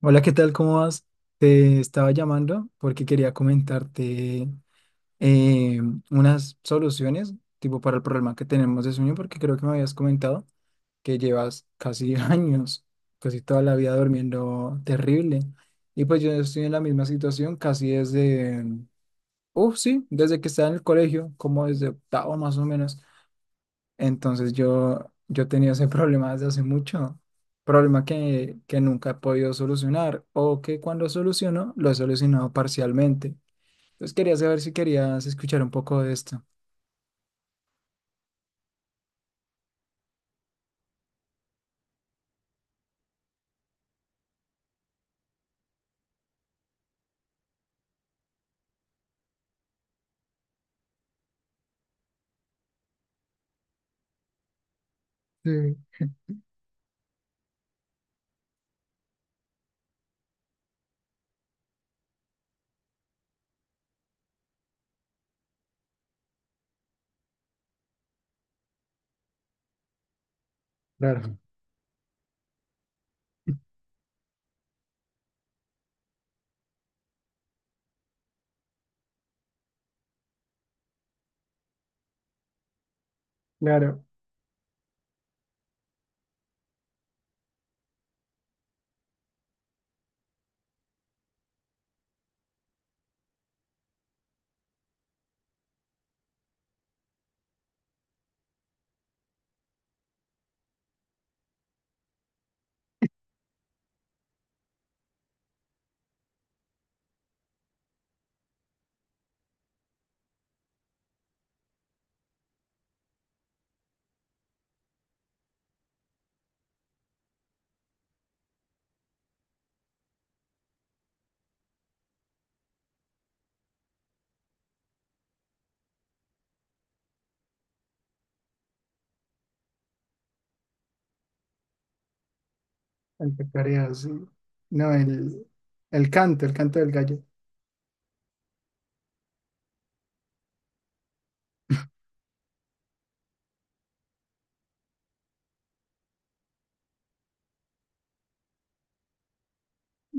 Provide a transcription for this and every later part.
Hola, ¿qué tal? ¿Cómo vas? Te estaba llamando porque quería comentarte eh, unas soluciones tipo para el problema que tenemos de sueño, porque creo que me habías comentado que llevas casi años, casi toda la vida durmiendo terrible. Y pues yo estoy en la misma situación casi desde, uff, sí, desde que estaba en el colegio, como desde octavo más o menos. Entonces yo tenía ese problema desde hace mucho, problema que nunca he podido solucionar o que cuando soluciono lo he solucionado parcialmente. Entonces quería saber si querías escuchar un poco de esto. Sí, claro, claro, empezaría así. No, el canto, el canto del gallo.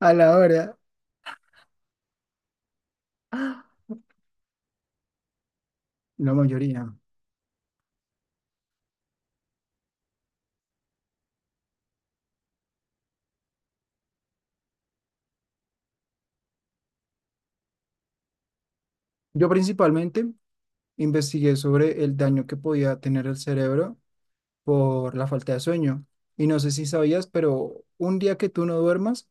A la hora, ¡ah! La mayoría. Yo principalmente investigué sobre el daño que podía tener el cerebro por la falta de sueño. Y no sé si sabías, pero un día que tú no duermas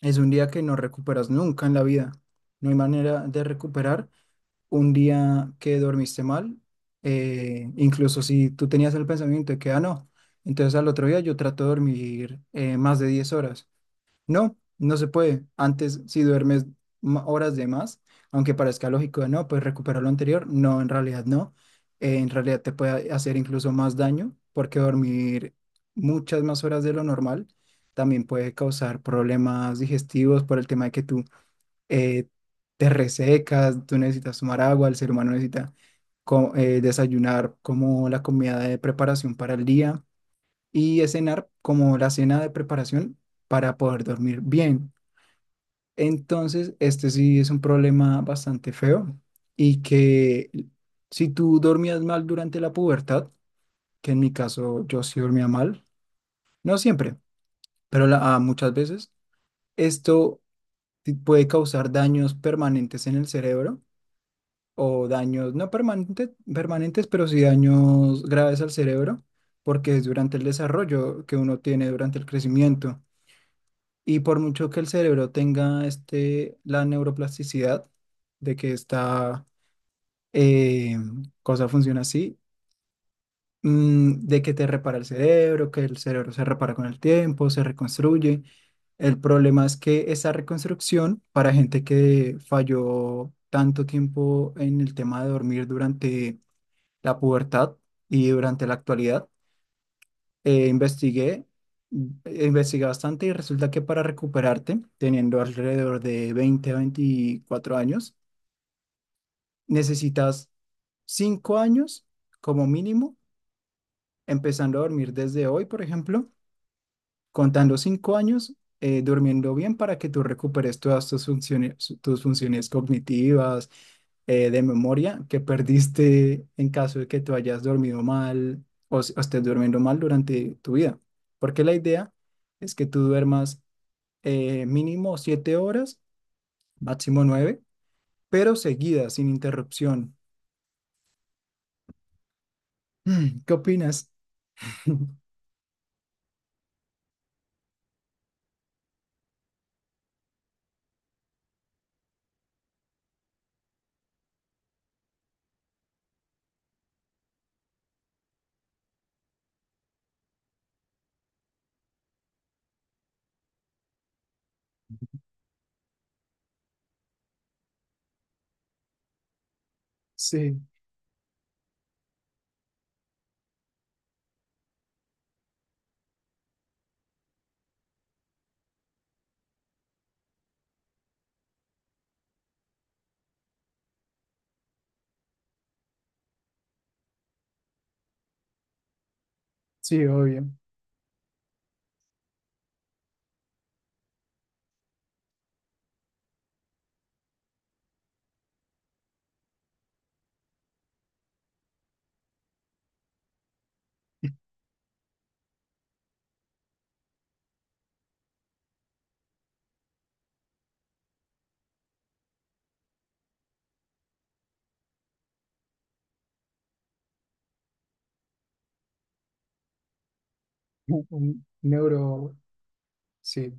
es un día que no recuperas nunca en la vida. No hay manera de recuperar un día que dormiste mal, incluso si tú tenías el pensamiento de que, ah, no, entonces al otro día yo trato de dormir más de 10 horas. No, no se puede. Antes, si duermes horas de más, aunque parezca lógico, no, pues recuperar lo anterior. No, en realidad no. En realidad te puede hacer incluso más daño porque dormir muchas más horas de lo normal también puede causar problemas digestivos por el tema de que tú eh, te resecas, tú necesitas tomar agua, el ser humano necesita desayunar como la comida de preparación para el día y cenar como la cena de preparación para poder dormir bien. Entonces, este sí es un problema bastante feo y que si tú dormías mal durante la pubertad, que en mi caso yo sí dormía mal, no siempre, pero muchas veces, esto puede causar daños permanentes en el cerebro o daños no permanentes, permanentes, pero sí daños graves al cerebro, porque es durante el desarrollo que uno tiene durante el crecimiento. Y por mucho que el cerebro tenga este, la neuroplasticidad, de que esta eh, cosa funciona así, de que te repara el cerebro, que el cerebro se repara con el tiempo, se reconstruye. El problema es que esa reconstrucción para gente que falló tanto tiempo en el tema de dormir durante la pubertad y durante la actualidad, eh, investigué, investigué bastante y resulta que para recuperarte, teniendo alrededor de 20 a 24 años, necesitas 5 años como mínimo, empezando a dormir desde hoy, por ejemplo, contando 5 años, durmiendo bien para que tú recuperes todas tus funciones cognitivas, de memoria que perdiste en caso de que tú hayas dormido mal o, o estés durmiendo mal durante tu vida. Porque la idea es que tú duermas mínimo 7 horas, máximo nueve, pero seguidas, sin interrupción. Mm, ¿qué opinas? Sí, sí, obvio. Un neuro, sí.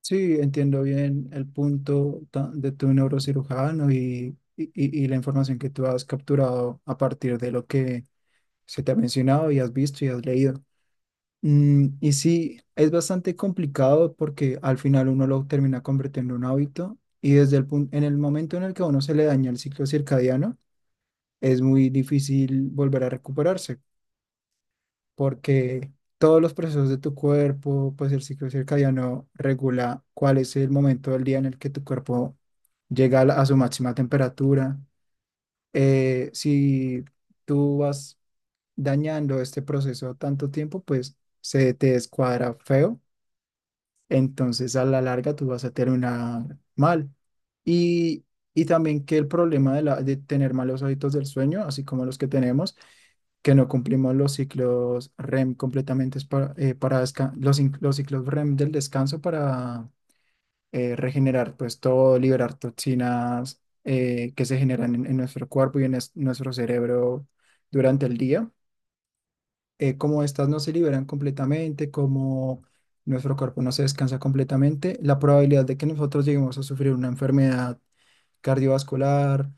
Sí, entiendo bien el punto de tu neurocirujano y la información que tú has capturado a partir de lo que se te ha mencionado y has visto y has leído. Mm, y sí, es bastante complicado porque al final uno lo termina convirtiendo en un hábito y en el momento en el que a uno se le daña el ciclo circadiano, es muy difícil volver a recuperarse porque todos los procesos de tu cuerpo, pues el ciclo circadiano regula cuál es el momento del día en el que tu cuerpo llega a su máxima temperatura. Si tú vas dañando este proceso tanto tiempo, pues se te descuadra feo entonces a la larga tú vas a terminar mal. Y, y también que el problema de, la, de tener malos hábitos del sueño, así como los que tenemos, que no cumplimos los ciclos REM completamente es para los ciclos REM del descanso para regenerar pues todo, liberar toxinas que se generan en nuestro cuerpo y en nuestro cerebro durante el día como estas no se liberan completamente, como nuestro cuerpo no se descansa completamente, la probabilidad de que nosotros lleguemos a sufrir una enfermedad cardiovascular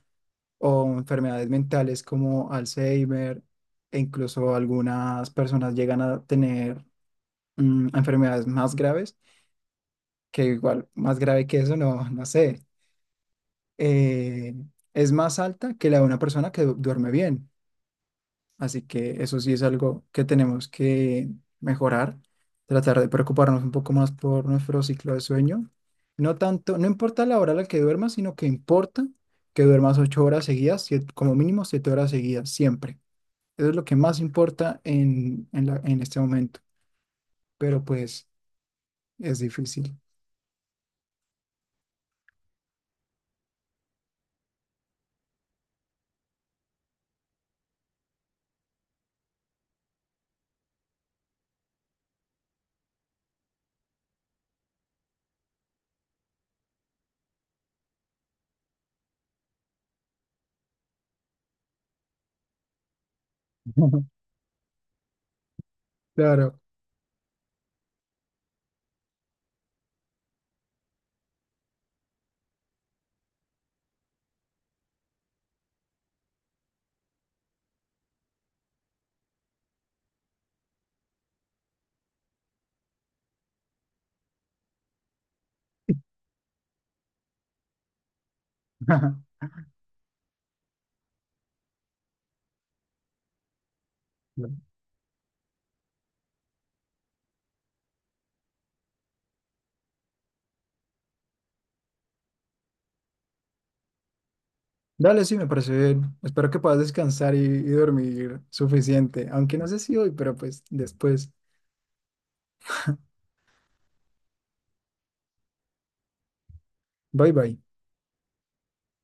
o enfermedades mentales como Alzheimer e incluso algunas personas llegan a tener enfermedades más graves, que igual más grave que eso, no, no sé, eh, es más alta que la de una persona que duerme bien. Así que eso sí es algo que tenemos que mejorar, tratar de preocuparnos un poco más por nuestro ciclo de sueño. No tanto, no importa la hora a la que duermas, sino que importa que duermas 8 horas seguidas, como mínimo 7 horas seguidas, siempre. Eso es lo que más importa en, en este momento, pero pues es difícil. Claro. Ajá. Dale, sí, me parece bien. Espero que puedas descansar y dormir suficiente, aunque no sé si hoy, pero pues después. Bye bye.